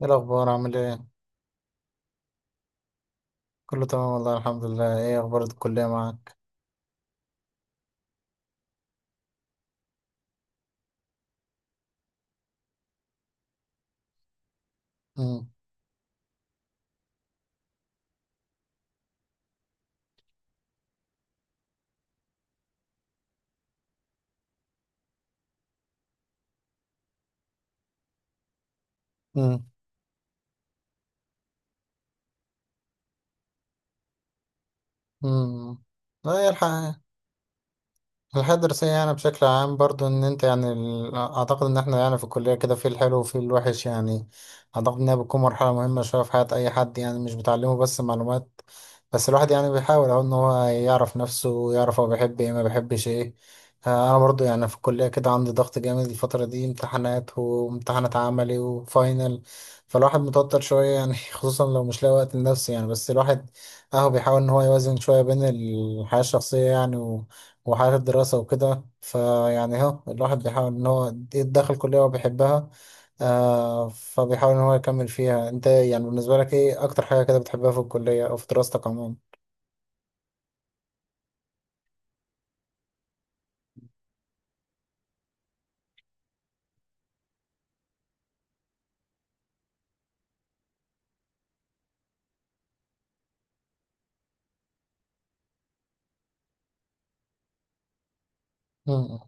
ايه الاخبار؟ عامل ايه؟ كله تمام والله، الحمد لله. ايه اخبار الكليه معاك؟ امم. امم. امم. لا يلحق. الحياة الدراسية يعني بشكل عام برضو ان انت يعني اعتقد ان احنا يعني في الكلية كده، في الحلو وفي الوحش يعني. اعتقد انها بتكون مرحلة مهمة شوية في حياة اي حد، يعني مش بتعلمه بس معلومات. بس الواحد يعني بيحاول اهو ان هو يعرف نفسه، ويعرف هو بيحب ايه ما بيحبش ايه. انا برضو يعني في الكلية كده، عندي ضغط جامد الفترة دي، امتحانات وامتحانات عملي وفاينل. فالواحد متوتر شوية يعني خصوصا لو مش لاقي وقت لنفسه يعني، بس الواحد اهو بيحاول ان هو يوازن شوية بين الحياة الشخصية، يعني وحياة الدراسة وكده، فيعني اهو الواحد بيحاول ان هو يتدخل كلية هو بيحبها. فبيحاول ان هو يكمل فيها. انت يعني بالنسبة لك، ايه اكتر حاجة كده بتحبها في الكلية او في دراستك عموما؟ مم.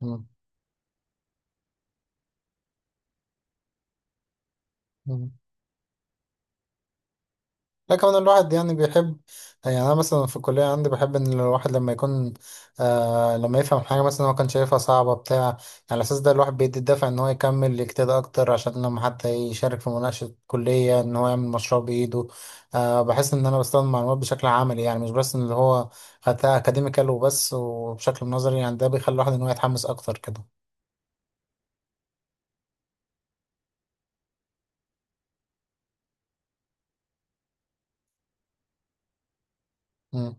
مم. مم. لا، كمان الواحد يعني بيحب، يعني انا مثلا في الكليه عندي، بحب ان الواحد لما يكون لما يفهم حاجه، مثلا هو كان شايفها صعبه بتاع يعني. على اساس ده، الواحد بيدي الدافع ان هو يكمل، يجتهد اكتر، عشان لما حتى يشارك في مناقشه كليه، ان هو يعمل مشروع بايده. بحس ان انا بستخدم المعلومات بشكل عملي، يعني مش بس ان اللي هو خدتها اكاديميكال وبس، وبشكل نظري. يعني ده بيخلي الواحد ان هو يتحمس اكتر كده. مم.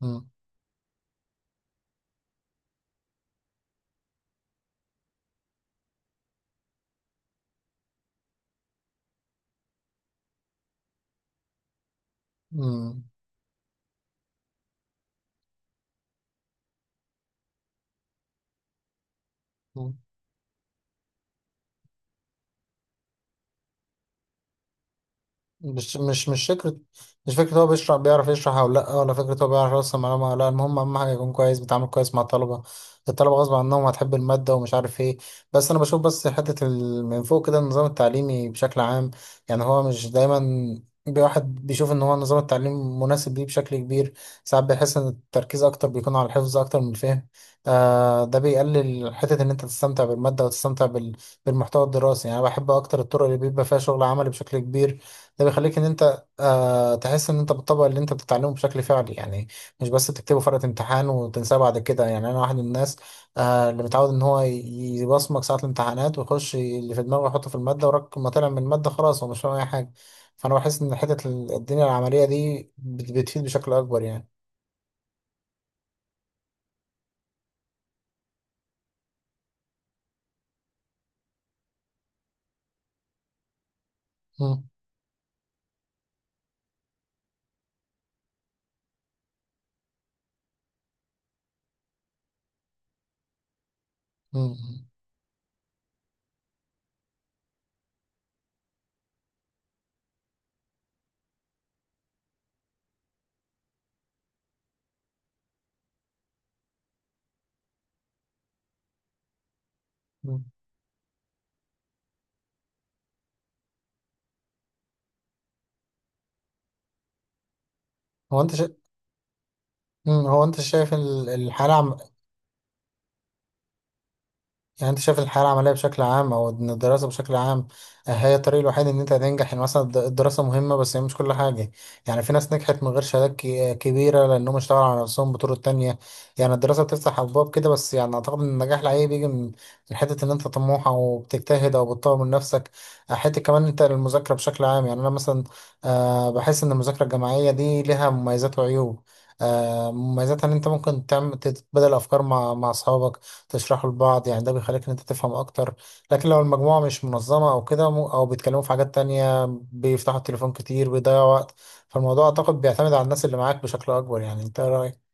مم. مم. مم. مش فكرة. مش فكرة هو بيشرح بيعرف يشرح أو لأ، ولا فكرة هو بيعرف يوصل معلومة ولا لأ. المهم أهم حاجة يكون كويس، بيتعامل كويس مع الطلبة. الطلبة غصب عنهم هتحب المادة، ومش عارف إيه. بس أنا بشوف بس، حتة من فوق كده النظام التعليمي بشكل عام. يعني هو مش دايما واحد بيشوف إن هو نظام التعليم مناسب ليه بشكل كبير. ساعات بيحس إن التركيز أكتر بيكون على الحفظ أكتر من الفهم. ده بيقلل حتة إن أنت تستمتع بالمادة، وتستمتع بالمحتوى الدراسي. يعني أنا بحب أكتر الطرق اللي بيبقى فيها شغل عملي بشكل كبير. ده بيخليك ان انت تحس ان انت بتطبق اللي انت بتتعلمه بشكل فعلي يعني. مش بس بتكتبه فرقة امتحان وتنساه بعد كده. يعني انا واحد من الناس اللي متعود ان هو يبصمج ساعة الامتحانات، ويخش اللي في دماغه يحطه في المادة. وراك ما طلع من المادة خلاص هو مش فاهم اي حاجة. فانا بحس ان حتة الدنيا العملية دي بتفيد بشكل اكبر يعني. مم. مم. مم. هو انت شا... مم. هو انت شايف الحالة، يعني انت شايف الحياة العملية بشكل عام، او ان الدراسة بشكل عام، آه، هي الطريق الوحيد ان انت هتنجح، يعني مثلا الدراسة مهمة، بس هي مش كل حاجة. يعني في ناس نجحت من غير شهادات كبيرة، لانهم اشتغلوا على نفسهم بطرق تانية. يعني الدراسة بتفتح ابواب كده، بس يعني اعتقد ان النجاح لأي بيجي من من حتة ان انت طموح، او بتجتهد، او بتطور من نفسك. حتة كمان انت المذاكرة بشكل عام، يعني انا مثلا بحس ان المذاكرة الجماعية دي ليها مميزات وعيوب. مميزاتها ان انت ممكن تعمل تتبادل افكار مع اصحابك، تشرحه لبعض. يعني ده بيخليك ان انت تفهم اكتر. لكن لو المجموعة مش منظمة او كده، او بيتكلموا في حاجات تانية، بيفتحوا التليفون كتير، بيضيعوا وقت. فالموضوع اعتقد بيعتمد على الناس اللي معاك بشكل اكبر. يعني انت إيه رأيك؟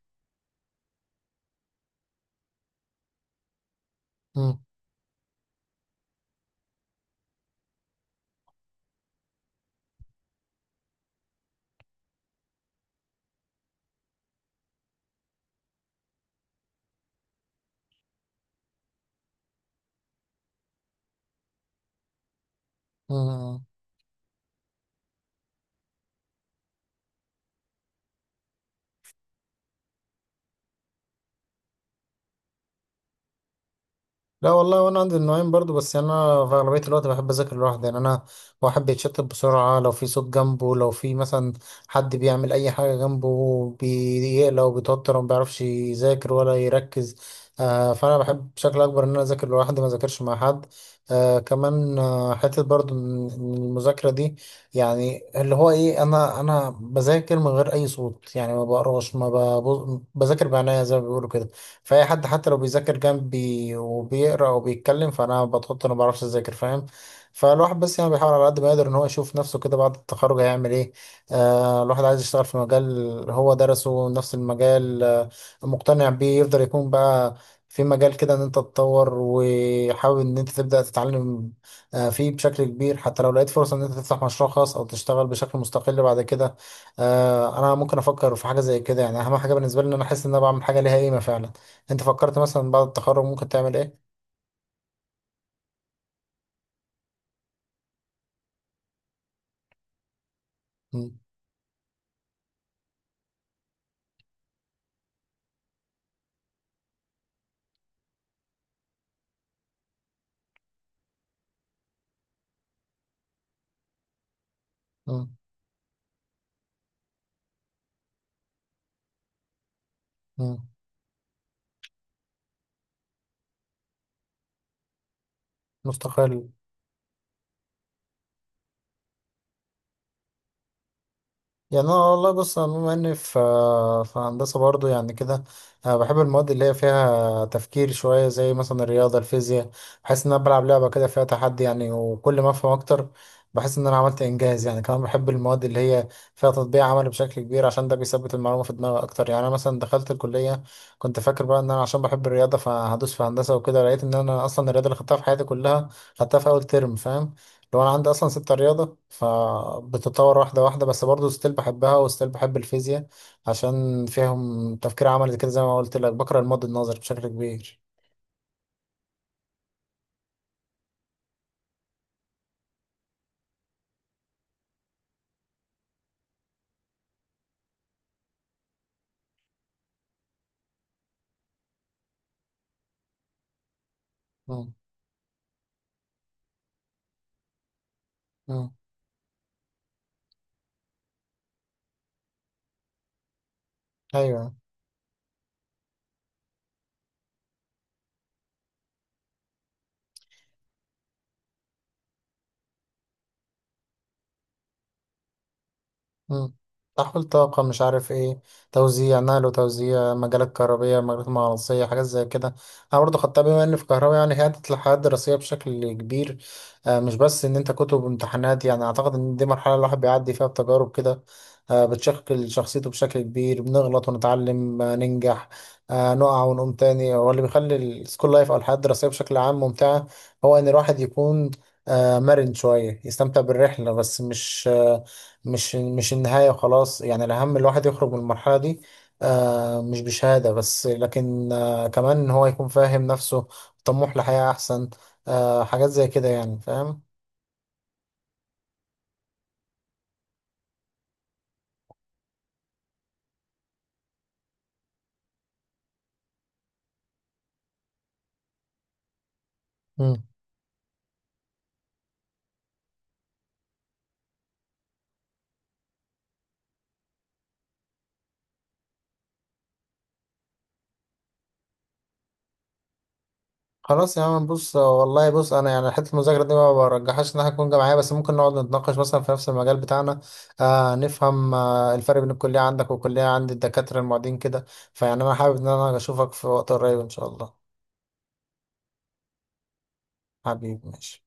مم. مم. لا والله، وانا عندي النوعين برضو، بس يعني انا في اغلبيه الوقت بحب اذاكر لوحدي. يعني انا واحد بيتشتت بسرعه، لو في صوت جنبه، لو في مثلا حد بيعمل اي حاجه جنبه، بيقلق وبيتوتر، وما بيعرفش يذاكر ولا يركز. فانا بحب بشكل اكبر ان انا اذاكر لوحدي، ما اذاكرش مع حد. كمان حته برضو من المذاكره دي، يعني اللي هو ايه، انا بذاكر من غير اي صوت، يعني ما بقراش، ما ببص- بذاكر بعناية زي ما بيقولوا كده. فأي حد حتى لو بيذاكر جنبي وبيقرأ وبيتكلم، فأنا بتحط، أنا ما بعرفش أذاكر، فاهم؟ فالواحد بس يعني بيحاول على قد ما يقدر إن هو يشوف نفسه كده، بعد التخرج هيعمل إيه. الواحد عايز يشتغل في مجال هو درسه نفس المجال، مقتنع بيه، يفضل يكون بقى في مجال كده، إن أنت تتطور، وحابب إن أنت تبدأ تتعلم فيه بشكل كبير. حتى لو لقيت فرصة إن أنت تفتح مشروع خاص أو تشتغل بشكل مستقل بعد كده، أنا ممكن أفكر في حاجة زي كده. يعني أهم حاجة بالنسبة لي إن أنا أحس إن أنا بعمل حاجة ليها قيمة فعلا. انت فكرت مثلا بعد التخرج ممكن تعمل ايه؟ مم. مم. مم. مستقل. يعني انا والله، بص انا بما اني في في هندسه برضو يعني كده، أنا بحب المواد اللي هي فيها تفكير شويه، زي مثلا الرياضه، الفيزياء. بحس ان انا بلعب لعبه كده فيها تحدي، يعني وكل ما افهم اكتر بحس ان انا عملت انجاز. يعني كمان بحب المواد اللي هي فيها تطبيق عملي بشكل كبير، عشان ده بيثبت المعلومه في دماغي اكتر. يعني انا مثلا دخلت الكليه، كنت فاكر بقى ان انا عشان بحب الرياضه فهدوس في هندسه وكده، لقيت ان انا اصلا الرياضه اللي خدتها في حياتي كلها خدتها في اول ترم، فاهم؟ لو انا عندي اصلا ستة رياضة فبتتطور واحدة واحدة، بس برضه ستيل بحبها وستيل بحب الفيزياء، عشان فيهم تفكير عملي كده زي ما قلت لك، بقرا الماضي النظري بشكل كبير. مم. مم. ايوه. مم. تحويل طاقة مش عارف ايه، توزيع، نقل وتوزيع، مجالات كهربية، مجالات مغناطيسية، حاجات زي كده. أنا برضه خدتها بما إن في كهرباء. يعني هي عدت الحياة الدراسية بشكل كبير، مش بس إن أنت كتب وامتحانات. يعني أعتقد إن دي مرحلة الواحد بيعدي فيها بتجارب كده، بتشكل شخصيته بشكل كبير، بنغلط ونتعلم، ننجح، نقع ونقوم تاني. هو اللي بيخلي السكول لايف أو الحياة الدراسية بشكل عام ممتعة، هو إن الواحد يكون مرن شوية، يستمتع بالرحلة، بس مش مش النهاية خلاص. يعني الأهم الواحد يخرج من المرحلة دي، مش بشهادة بس، لكن كمان إن هو يكون فاهم نفسه، طموح لحياة أحسن، حاجات زي كده، يعني فاهم؟ مم. خلاص يا عم، بص والله بص، أنا يعني حتة المذاكرة دي ما برجحهاش إنها تكون جامعية، بس ممكن نقعد نتناقش مثلا في نفس المجال بتاعنا، نفهم الفرق بين الكلية عندك والكلية عند الدكاترة المعيدين كده. فيعني أنا حابب إن أنا أشوفك في وقت قريب إن شاء الله. حبيبي، ماشي.